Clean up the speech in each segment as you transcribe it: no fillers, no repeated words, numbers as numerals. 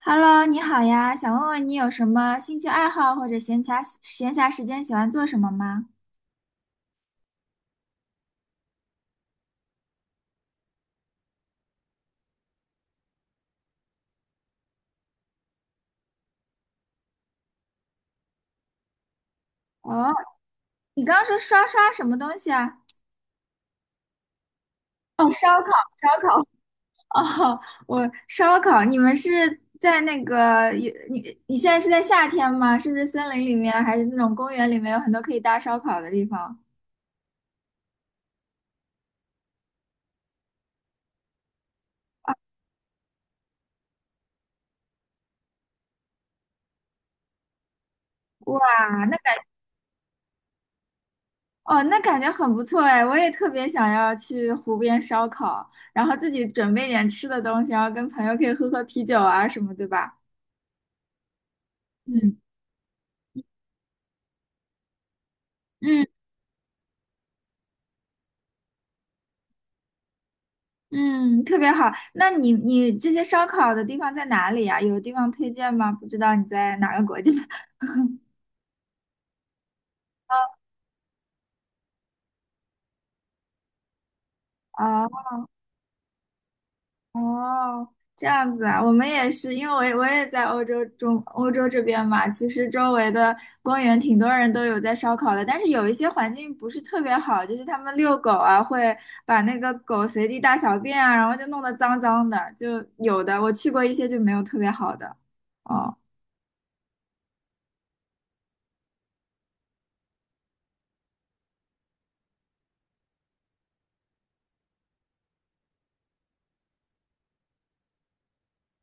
Hello，你好呀，想问问你有什么兴趣爱好或者闲暇时间喜欢做什么吗？哦，你刚刚说刷什么东西啊？哦，烧烤，烧烤。哦，我烧烤，你们是在那个你现在是在夏天吗？是不是森林里面还是那种公园里面有很多可以搭烧烤的地方？哇，那感哦，那感觉很不错哎，我也特别想要去湖边烧烤，然后自己准备点吃的东西，然后跟朋友可以喝喝啤酒啊什么，对吧？嗯嗯嗯，特别好。那你这些烧烤的地方在哪里呀？有地方推荐吗？不知道你在哪个国家？哦哦，这样子啊，我们也是，因为我也在欧洲这边嘛，其实周围的公园挺多人都有在烧烤的，但是有一些环境不是特别好，就是他们遛狗啊，会把那个狗随地大小便啊，然后就弄得脏脏的，就有的我去过一些就没有特别好的。哦。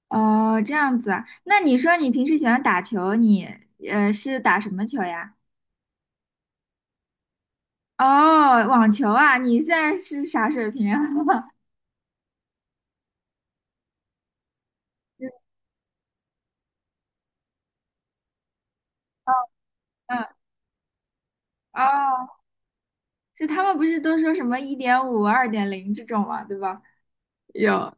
哦，这样子啊。那你说你平时喜欢打球，你是打什么球呀？哦，网球啊，你现在是啥水平啊？嗯，哦，是他们不是都说什么一点五、二点零这种嘛，对吧？有。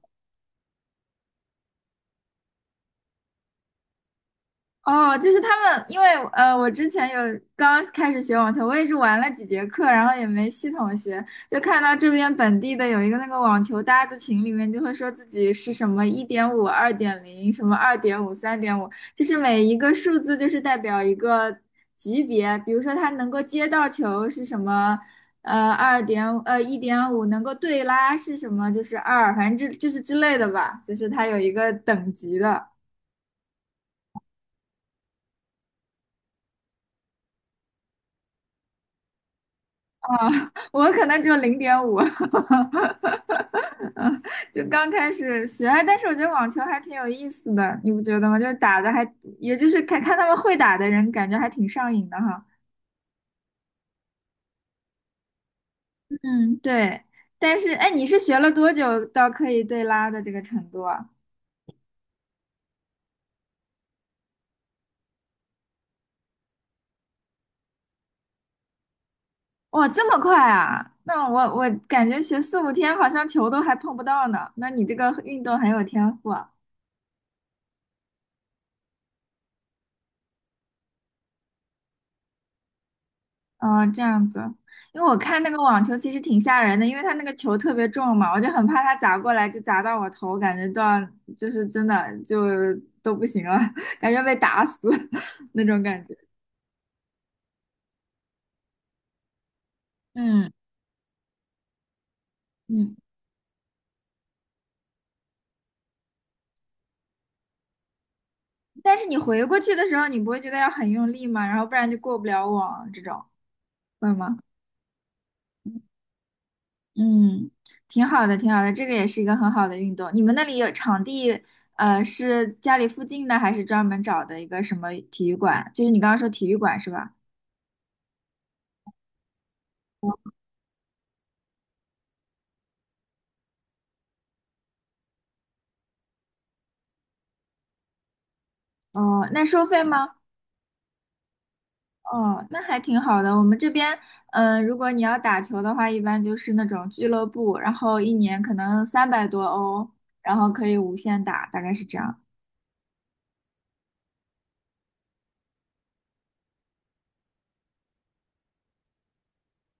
哦，就是他们，因为我之前有刚开始学网球，我也是玩了几节课，然后也没系统学，就看到这边本地的有一个那个网球搭子群里面就会说自己是什么一点五、二点零、什么二点五、三点五，就是每一个数字就是代表一个级别，比如说他能够接到球是什么，一点五，1.5能够对拉是什么，就是二，反正这就是之类的吧，就是它有一个等级的。啊，我可能只有零点五，嗯，就刚开始学，哎但是我觉得网球还挺有意思的，你不觉得吗？就是打的还，也就是看看他们会打的人，感觉还挺上瘾的哈。嗯，对。但是，哎，你是学了多久到可以对拉的这个程度啊？哇，这么快啊！那我感觉学四五天好像球都还碰不到呢。那你这个运动很有天赋啊哦，这样子，因为我看那个网球其实挺吓人的，因为它那个球特别重嘛，我就很怕它砸过来就砸到我头，感觉到就是真的就都不行了，感觉被打死 那种感觉。嗯嗯，但是你回过去的时候，你不会觉得要很用力吗？然后不然就过不了网这种，会吗？嗯，挺好的，挺好的，这个也是一个很好的运动。你们那里有场地，是家里附近的，还是专门找的一个什么体育馆？就是你刚刚说体育馆是吧？哦，那收费吗？哦，那还挺好的。我们这边，嗯，如果你要打球的话，一般就是那种俱乐部，然后一年可能三百多欧，然后可以无限打，大概是这样。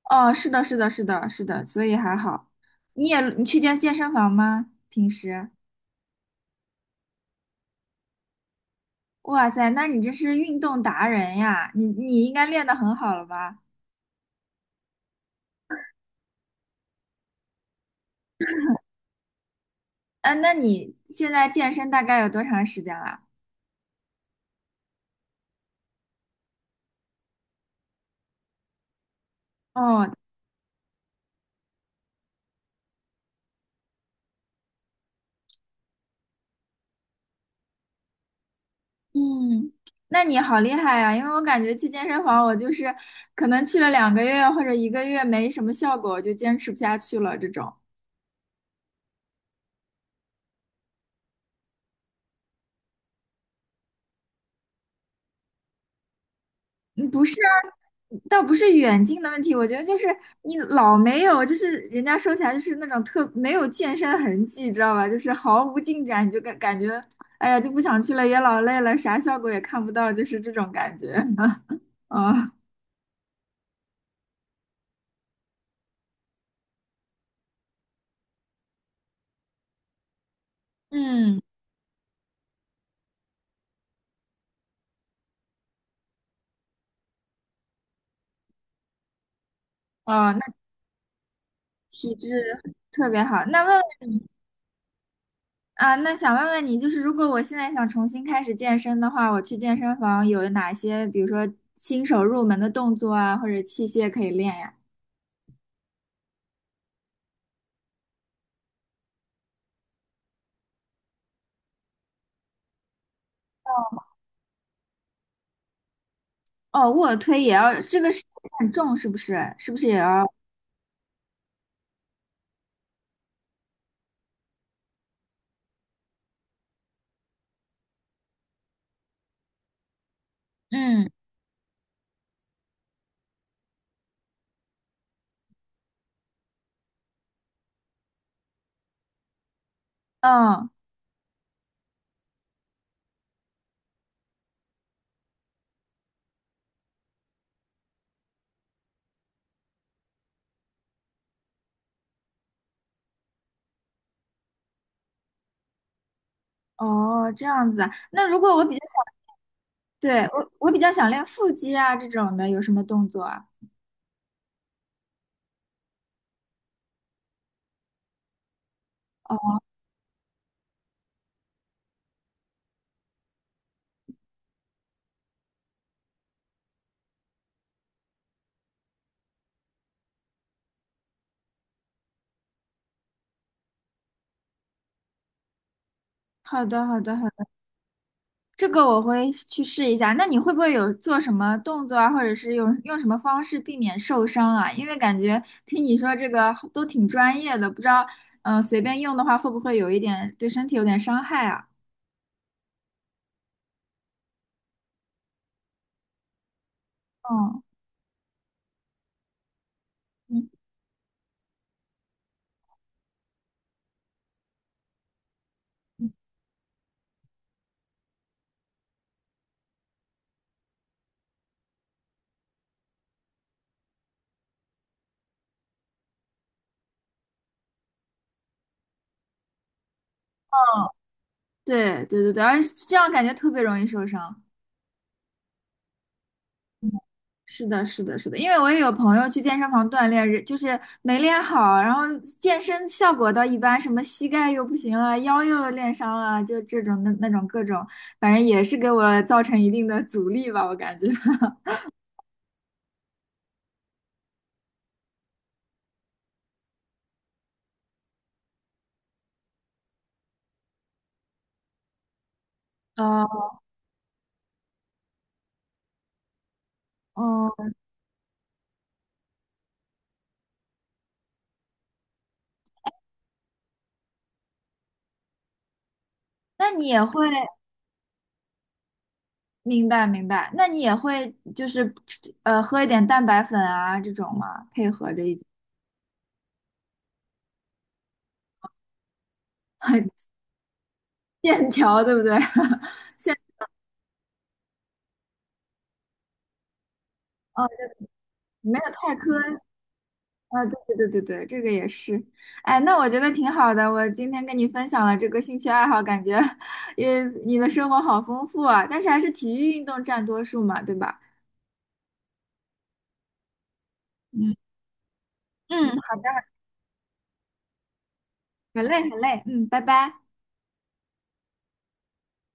哦，是的，是的，是的，是的，所以还好。你也，你去健身房吗？平时？哇塞，那你这是运动达人呀！你应该练得很好了吧？嗯、那你现在健身大概有多长时间了？哦，嗯，那你好厉害呀！因为我感觉去健身房，我就是可能去了两个月或者一个月没什么效果，我就坚持不下去了。这种，嗯不是啊，倒不是远近的问题，我觉得就是你老没有，就是人家说起来就是那种特没有健身痕迹，知道吧？就是毫无进展，你就感觉，哎呀，就不想去了，也老累了，啥效果也看不到，就是这种感觉。啊，嗯，哦，那体质特别好。那问。啊，那想问问你，就是如果我现在想重新开始健身的话，我去健身房有哪些，比如说新手入门的动作啊，或者器械可以练呀？哦，卧推也要，这个是很重，是不是？是不是也要？嗯，嗯，哦，这样子啊。那如果我比较想，对，我比较想练腹肌啊这种的，有什么动作啊？哦，好的，好的，好这个我会去试一下。那你会不会有做什么动作啊，或者是用什么方式避免受伤啊？因为感觉听你说这个都挺专业的，不知道，嗯、随便用的话会不会有一点对身体有点伤害啊？嗯，嗯，对对对对，而且这样感觉特别容易受伤。是的，是的，是的，因为我也有朋友去健身房锻炼，就是没练好，然后健身效果倒一般，什么膝盖又不行了，腰又练伤了，就这种那种各种，反正也是给我造成一定的阻力吧，我感觉。哦哦，那你也会明白明白，那你也会就是喝一点蛋白粉啊这种吗？配合着一起 很线条，对不对？哦，没有太苛啊，对对对对对，这个也是，哎，那我觉得挺好的。我今天跟你分享了这个兴趣爱好，感觉也你的生活好丰富啊。但是还是体育运动占多数嘛，对吧？嗯嗯，好的，好累，好累，嗯，拜拜。